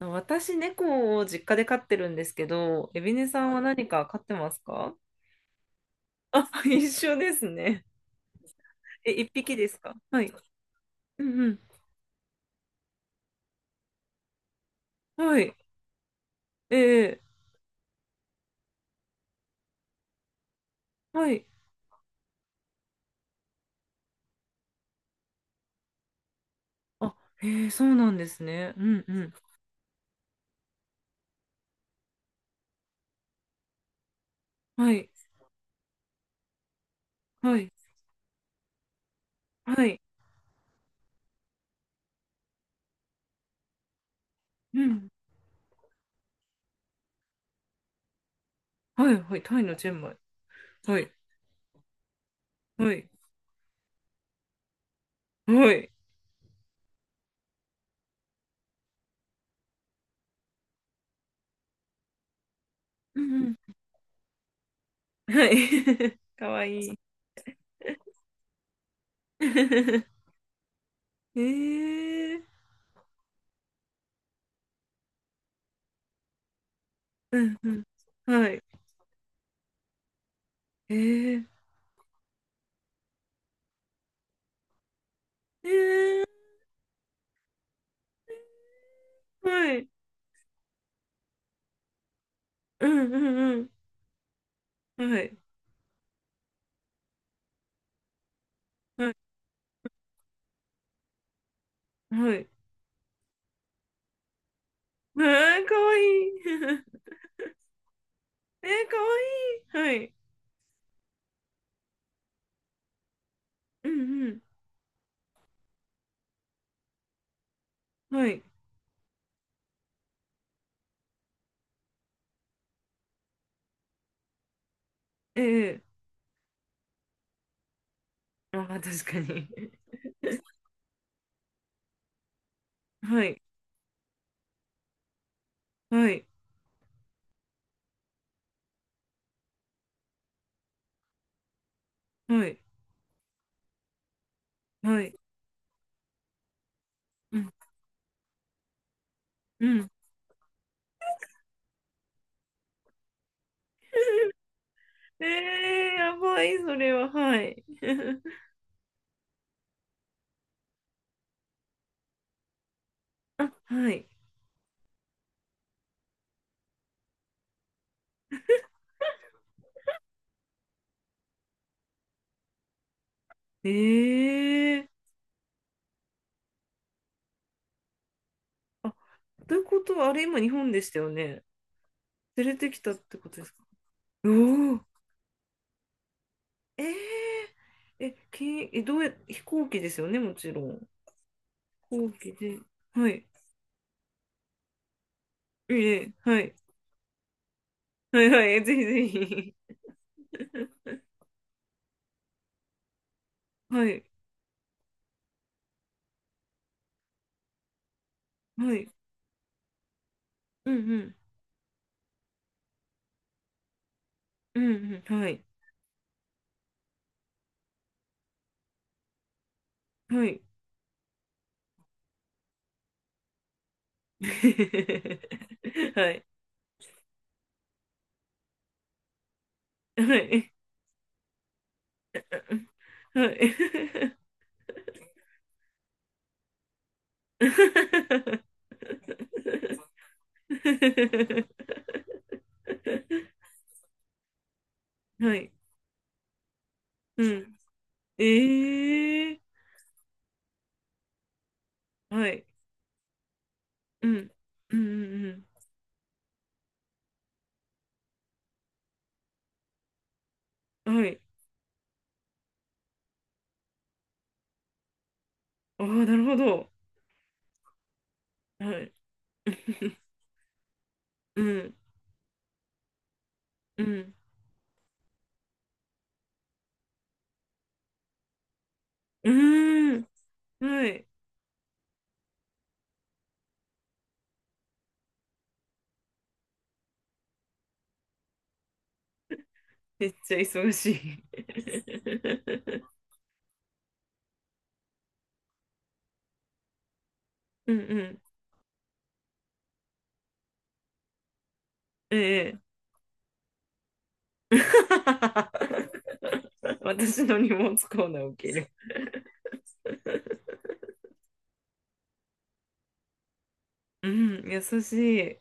私、猫を実家で飼ってるんですけど、エビネさんは何か飼ってますか？あ、一緒ですね。え、一匹ですか？はい。うんうん。はい。ええ、はい。あ、ええ、そうなんですね。うんうん。はい。はい。はい。うん。はい。はい。タイのチェンマイ。はい。はい。はい。うんうん。はい。かわいい。ええ。うんうん。はい。ええ。ええ、はい。うんうんうん。はい。はい。はい。ああ、かわいい。えー、かわいい。はい。うんうん。はい。ええ。ああー、確かに。はい。はい。はい。はい。うん。うん。ええ、やばい、それは。はい。あ、はい。ええ。あ、ということは、あれ、今、日本でしたよね。連れてきたってことですか？おお。ええ。え、け、え、どうや、飛行機ですよね、もちろん。飛行機で。はい。ええ、はい。はいはい、ぜひぜひ。はい、はい、うんうん、うんうん、はい、はい。はい、はい、はい。はい、うん。ええ。ー、はい、うん、うん、うん、うん、はい。ああ、なるほど。はい。うん、うん、うーん、はい。めっちゃ忙しい。うん、うん、ええ。 私の荷物コーナー受ける。うん、優しい。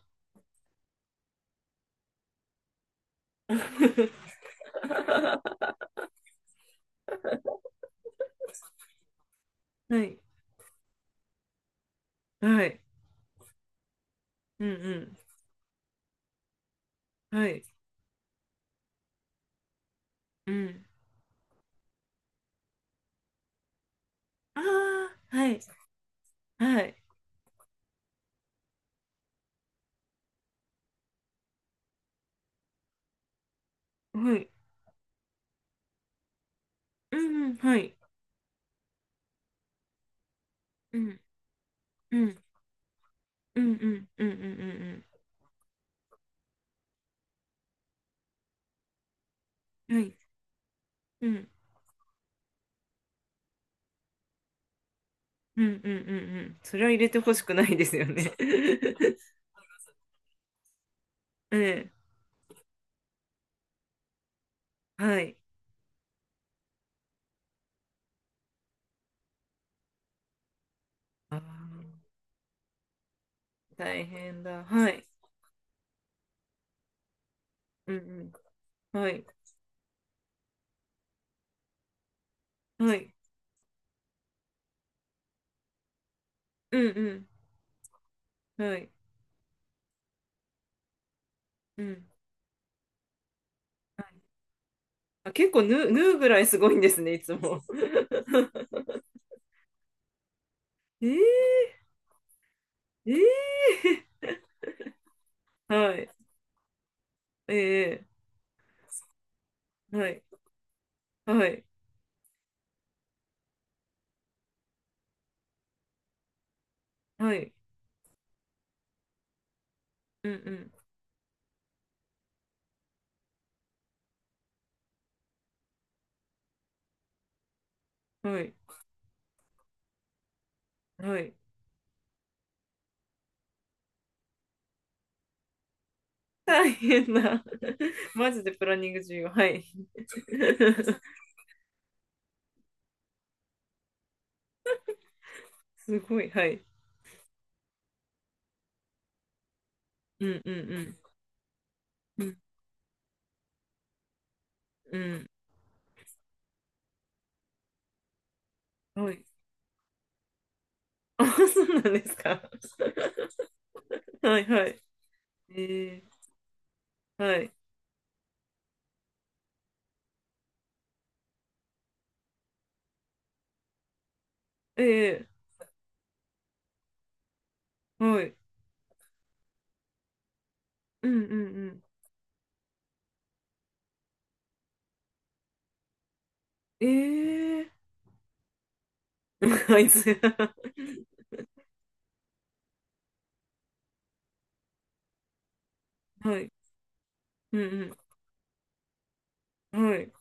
はい。はい。うんうん。はい。うん。ああ、はい。はい。はい。うんうん。はい。うん。うん。うんうんうんうんうんうん。はい。うん。うんうんうんうん。それは入れてほしくないですよね。ええ。はい。あー、大変だ。はい。うんうん。はい。はい。うんうん。はい。うん。あ、結構縫う、縫うぐらいすごいんですね、いつも。えー、えー、はい、えー、はい、はい、はい、うんうん、はい、はい。大変な。マジでプランニング重要。はい。すごい、はい。うんうんうん。うんうん。はい。あ、そうなんですか？はいはい。えー、はい。えー、はい。うんうんうん。えー、あいつ。はい。うんうん、はい、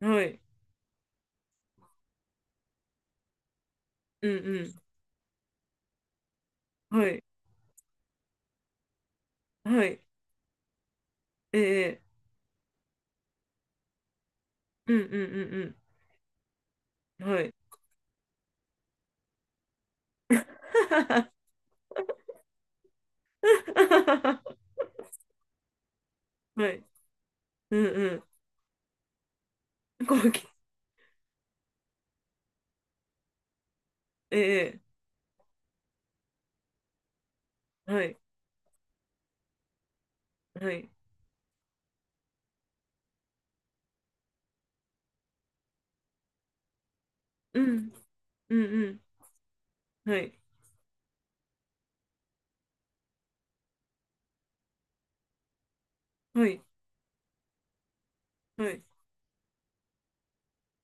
はい、うんうん、はい、はい、ええ、うんうんうんうん、はい。はい、うんうん、こうき、ええ、はい、はい、うん、うんうん、はい、はい、はい、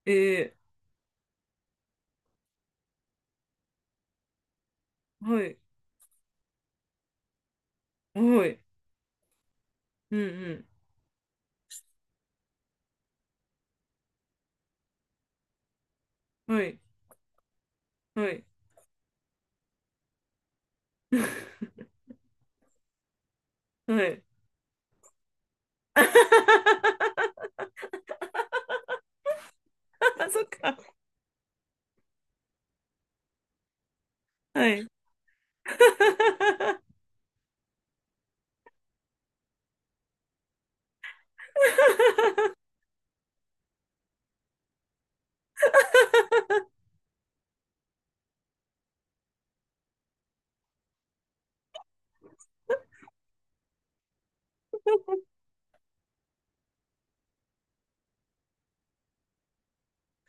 ええ、はい、はい、うんうん、はい、はい、はい。そっか、はい。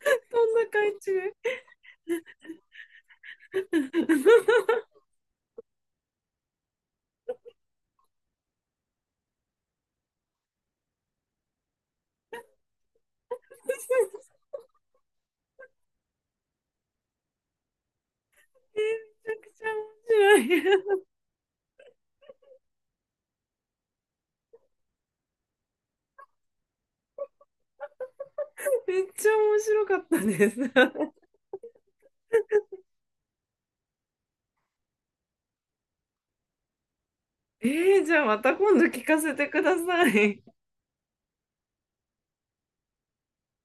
そんな感じ。えー、めちゃくちゃ面白い。めっちゃ面白かったです。えー、じゃあまた今度聞かせてください。